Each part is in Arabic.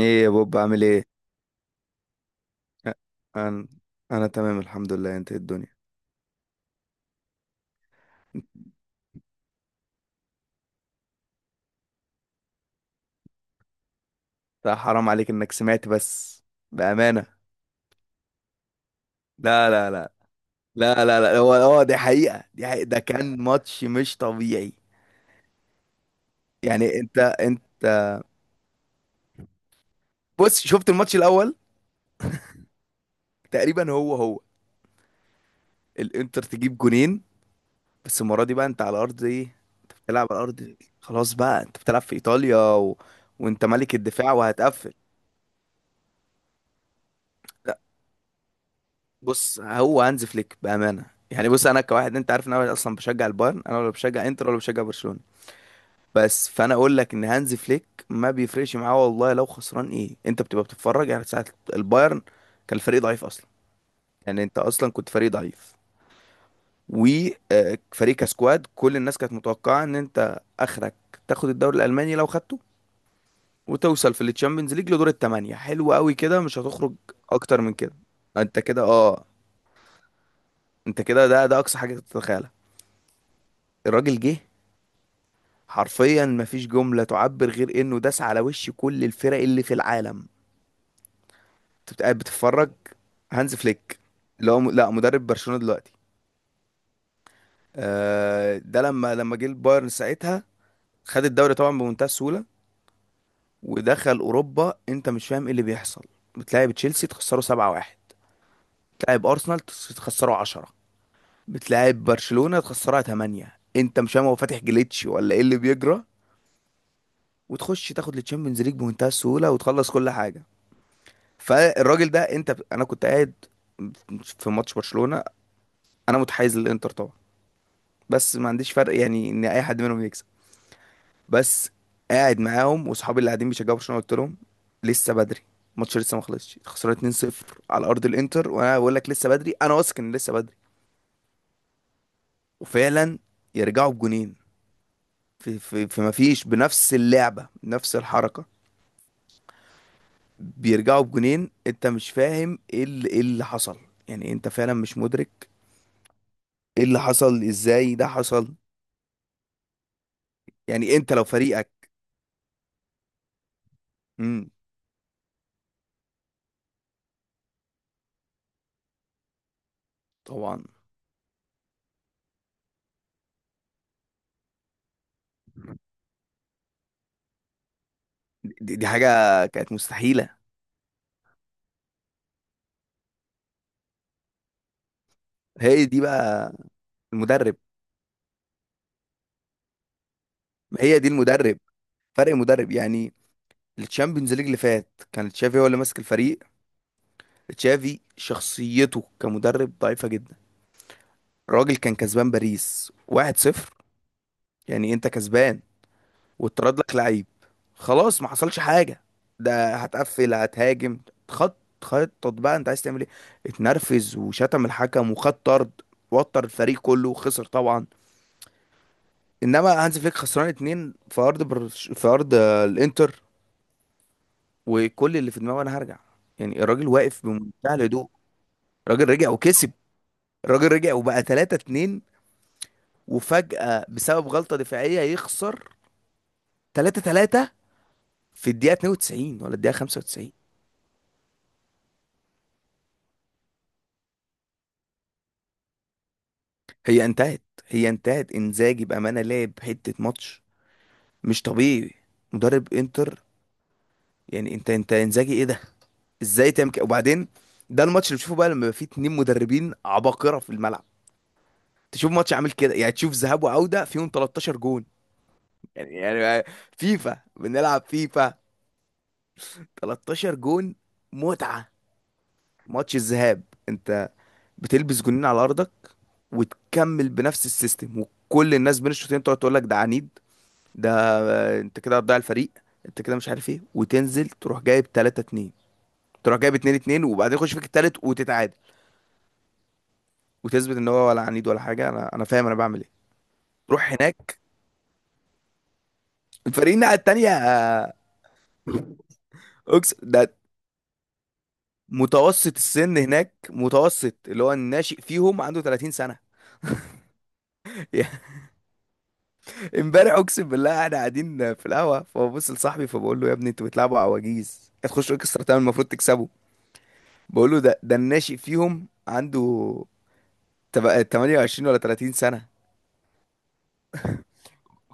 ايه يا بوب، عامل ايه؟ أ- انا انا تمام الحمد لله، انت إيه الدنيا؟ لا حرام عليك انك سمعت بس. بامانه لا لا لا، لا لا لا. هو دي حقيقة. ده كان ماتش مش طبيعي. يعني انت بص، شفت الماتش الاول تقريبا. هو الانتر تجيب جونين، بس المره دي بقى انت على ارض ايه. بتلعب على ارض، خلاص بقى انت بتلعب في ايطاليا و... وانت ملك الدفاع وهتقفل. بص هو هانز فليك بامانه، يعني بص انا كواحد، انت عارف ان انا اصلا بشجع البايرن، انا ولا بشجع انتر ولا بشجع برشلونه، بس فانا اقول لك ان هانز فليك ما بيفرقش معاه والله لو خسران، ايه انت بتبقى بتتفرج يعني ساعه. البايرن كان الفريق ضعيف اصلا، يعني انت اصلا كنت فريق ضعيف وفريق كسكواد، كل الناس كانت متوقعه ان انت اخرك تاخد الدوري الالماني لو خدته، وتوصل في التشامبيونز ليج لدور الثمانيه، حلو قوي كده مش هتخرج اكتر من كده. انت كده اه، انت كده ده ده اقصى حاجه تتخيلها. الراجل جه حرفيا مفيش جملة تعبر غير انه داس على وش كل الفرق اللي في العالم. انت قاعد بتتفرج. هانز فليك اللي هو لا، مدرب برشلونة دلوقتي، آه. ده لما جه البايرن ساعتها، خد الدوري طبعا بمنتهى السهولة، ودخل اوروبا، انت مش فاهم ايه اللي بيحصل. بتلاعب تشيلسي تخسره 7-1، بتلاعب ارسنال تخسره 10، بتلاعب برشلونة تخسرها 8، انت مش فاهم هو فاتح جليتش ولا ايه اللي بيجرى. وتخش تاخد التشامبيونز ليج بمنتهى السهولة وتخلص كل حاجة. فالراجل ده انت انا كنت قاعد في ماتش برشلونة، انا متحيز للانتر طبعا، بس ما عنديش فرق يعني ان اي حد منهم يكسب، بس. قاعد معاهم واصحابي اللي قاعدين بيشجعوا برشلونة، قلت لهم لسه بدري، الماتش لسه ما خلصش، خسرنا 2-0 على ارض الانتر، وانا بقول لك لسه بدري، انا واثق ان لسه بدري. وفعلا يرجعوا بجونين. في ما فيش، بنفس اللعبة بنفس الحركة، بيرجعوا بجونين. انت مش فاهم إيه اللي حصل. يعني انت فعلا مش مدرك ايه اللي حصل، ازاي ده حصل، يعني انت لو فريقك. امم طبعا. دي حاجه كانت مستحيله. هي دي بقى المدرب. ما هي دي المدرب، فرق مدرب يعني. الشامبيونز ليج اللي فات كان تشافي هو اللي ماسك الفريق، تشافي شخصيته كمدرب ضعيفه جدا. الراجل كان كسبان باريس 1-0، يعني انت كسبان واتطرد لك لعيب، خلاص ما حصلش حاجه، ده هتقفل هتهاجم، خط خطط بقى انت عايز تعمل ايه. اتنرفز وشتم الحكم وخد طرد وتر الفريق كله وخسر طبعا. انما هانز فليك خسران اتنين في ارض برش... في ارض آه، الانتر، وكل اللي في دماغه انا هرجع. يعني الراجل واقف بمنتهى الهدوء. الراجل رجع وكسب، الراجل رجع وبقى 3 2، وفجأة بسبب غلطة دفاعية يخسر 3 3 في الدقيقة 92 ولا الدقيقة 95. هي انتهت، انزاجي بامانه لعب حته ماتش مش طبيعي. مدرب انتر، يعني انت انزاجي ايه ده، ازاي تعمل كده؟ وبعدين ده الماتش اللي بتشوفه بقى لما يبقى فيه اتنين مدربين عباقره في الملعب. تشوف ماتش عامل كده، يعني تشوف ذهاب وعوده فيهم 13 جون. يعني فيفا، بنلعب فيفا، 13 جون، متعه. ماتش الذهاب انت بتلبس جونين على ارضك، وتكمل بنفس السيستم، وكل الناس بين الشوطين تقعد تقول لك ده عنيد، ده انت كده هتضيع الفريق، انت كده مش عارف ايه، وتنزل تروح جايب 3 2، تروح جايب 2 2، وبعدين يخش فيك التالت وتتعادل، وتثبت ان هو ولا عنيد ولا حاجه، انا فاهم انا بعمل ايه. روح هناك. الفريق الناحيه التانيه اقسم ده متوسط السن هناك، متوسط اللي هو الناشئ فيهم عنده 30 سنه. امبارح اقسم بالله احنا قاعدين في القهوه، فببص لصاحبي فبقول له يا ابني انتوا بتلعبوا عواجيز، هتخشوا اكسترا تايم المفروض تكسبوا. بقول له ده ده الناشئ فيهم عنده تبقى 28 ولا 30 سنة.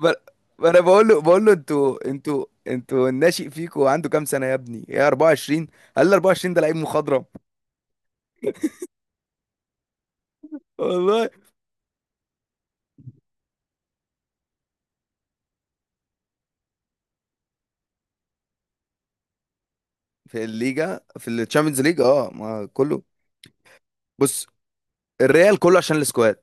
ب- ما انا بقول له، بقول له انتوا انتوا انتوا الناشئ فيكوا عنده كام سنة يا ابني؟ يا 24. قال لي 24 ده لعيب مخضرم. والله. في الليجا، في الشامبيونز ليج اه ما كله. بص الريال كله عشان السكواد.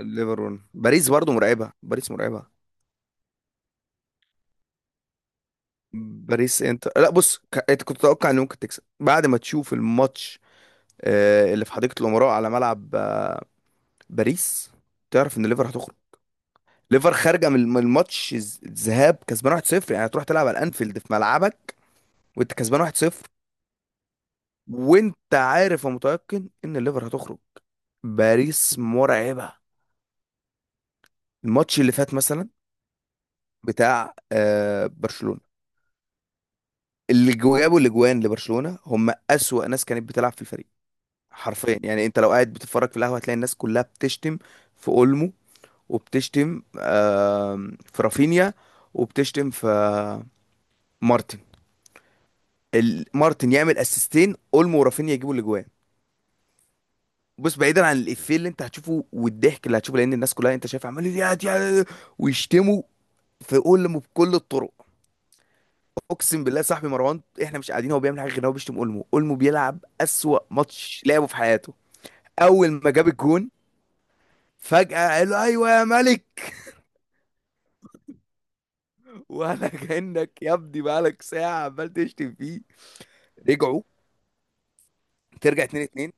ليفربول، باريس برضو مرعبة، باريس مرعبة. باريس انت لا بص انت كنت تتوقع ان ممكن تكسب بعد ما تشوف الماتش اللي في حديقة الأمراء، على ملعب باريس، تعرف ان ليفر هتخرج. ليفر خارجه من الماتش الذهاب كسبان 1-0، يعني تروح تلعب على الانفيلد في ملعبك وانت كسبان 1-0، وانت عارف ومتيقن ان الليفر هتخرج. باريس مرعبه. الماتش اللي فات مثلا بتاع آه برشلونه، اللي جابوا الاجوان لبرشلونه هم اسوأ ناس كانت بتلعب في الفريق. حرفيا يعني انت لو قاعد بتتفرج في القهوه هتلاقي الناس كلها بتشتم في اولمو، وبتشتم آه في رافينيا، وبتشتم في مارتن. مارتن يعمل اسيستين، اولمو ورافينيا يجيبوا الاجوان. بص بعيدا عن الافيه اللي انت هتشوفه والضحك اللي هتشوفه، لان الناس كلها انت شايف عمال ويشتموا في اولمو بكل الطرق. اقسم بالله صاحبي مروان احنا مش قاعدين، هو بيعمل حاجه غير إن هو بيشتم اولمو. اولمو بيلعب اسوأ ماتش لعبه في حياته. اول ما جاب الجون، فجأة قال له ايوه يا ملك. ولا كأنك يا ابني بقالك ساعة عمال تشتم فيه. رجعوا، ترجع 2 2،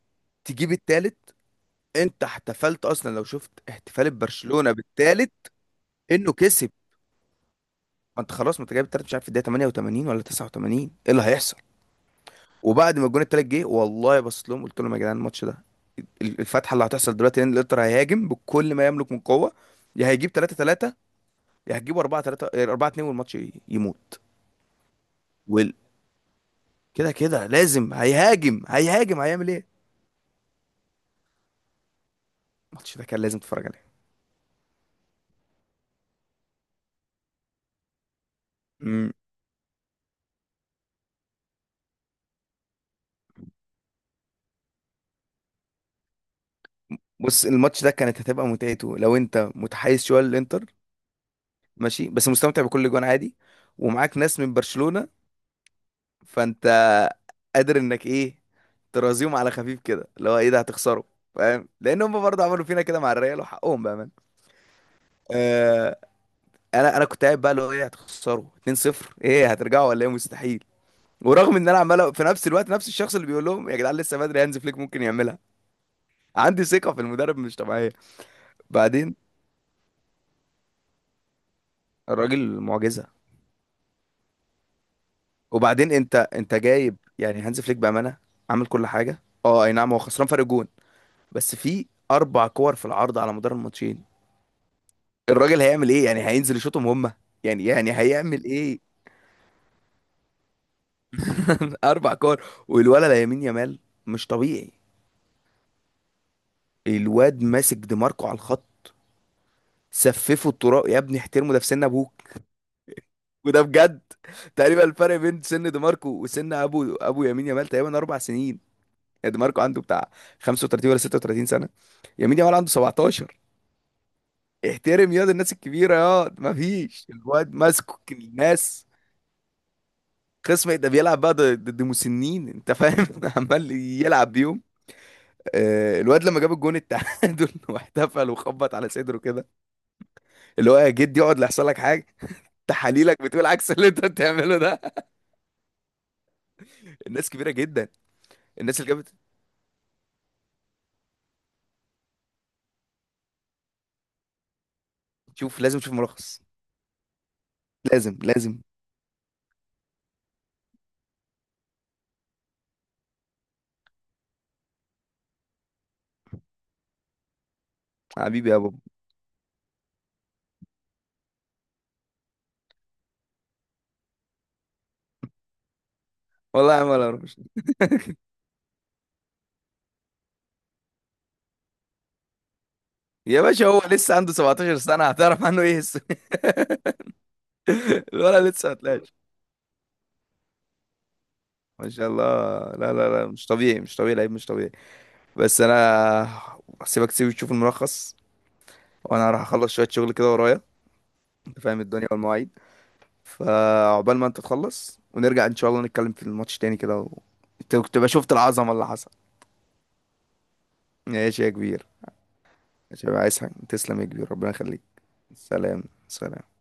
تجيب التالت. انت احتفلت اصلا لو شفت احتفال برشلونة بالتالت انه كسب. ما انت خلاص، ما انت جايب التالت، مش عارف في الدقيقه 88 ولا 89، ايه اللي هيحصل؟ وبعد ما الجون التالت جه، والله بصيت لهم قلت لهم يا جدعان، الماتش ده الفتحه اللي هتحصل دلوقتي، ان الانتر هيهاجم بكل ما يملك من قوه، يا هيجيب 3 3، يا هتجيبوا 4 3 4 2، والماتش يموت. وال... كده كده لازم هيهاجم، هيعمل ايه. الماتش ده كان لازم تتفرج عليه. امم. بص الماتش ده كانت هتبقى متعته لو انت متحيز شويه للانتر، ماشي، بس مستمتع بكل جوان عادي. ومعاك ناس من برشلونه، فانت قادر انك ايه، ترازيهم على خفيف كده، اللي هو ايه ده هتخسره، فاهم. لان هم برضه عملوا فينا كده مع الريال وحقهم بقى من آه. انا كنت قاعد بقى اللي هو ايه، هتخسروا 2-0، ايه هترجعوا ولا ايه، مستحيل. ورغم ان انا عمال في نفس الوقت، نفس الشخص اللي بيقول لهم يا جدعان لسه بدري، هانز فليك ممكن يعملها، عندي ثقة في المدرب مش طبيعية. بعدين الراجل معجزة. وبعدين انت جايب يعني هانز فليك بأمانة عامل كل حاجة، اه اي نعم هو خسران فرق جون، بس في اربع كور في العرض على مدار الماتشين، الراجل هيعمل ايه؟ يعني هينزل يشوطهم هما؟ يعني هيعمل ايه. اربع كور، والولد لامين يامال مش طبيعي. الواد ماسك دماركو على الخط، سففه الطراق. يا ابني احترمه ده في سن ابوك. وده بجد تقريبا الفرق بين سن دماركو وسن ابو يمين يامال تقريبا اربع سنين. يعني دماركو عنده بتاع 35 ولا 36 سنه، يمين يامال عنده 17. احترم ياض الناس الكبيره ياض، مفيش الواد ماسكك الناس. خصم، ده بيلعب بقى ضد مسنين، انت فاهم. عمال يلعب بيهم آه، الواد لما جاب الجون التعادل واحتفل وخبط على صدره كده، اللي هو يا جد يقعد لا يحصل لك حاجه، تحاليلك بتقول عكس اللي انت بتعمله ده. الناس كبيره جدا. الناس اللي جابت، شوف لازم تشوف ملخص. لازم لازم. حبيبي يا بابا. والله يا عم اروح. يا باشا هو لسه عنده 17 سنه، هتعرف عنه ايه الولد لسه هتلاقي. ما شاء الله. لا لا لا، مش طبيعي مش طبيعي، لعيب مش طبيعي. بس انا هسيبك تسيب تشوف الملخص، وانا راح اخلص شويه شغل كده ورايا. انت فاهم الدنيا والمواعيد. فعقبال ما انت تخلص ونرجع ان شاء الله نتكلم في الماتش تاني كده و... تبقى شفت العظمه اللي حصل. ماشي يا كبير. ماشي، يا عايز حاجة. تسلم يا كبير، ربنا يخليك. سلام سلام.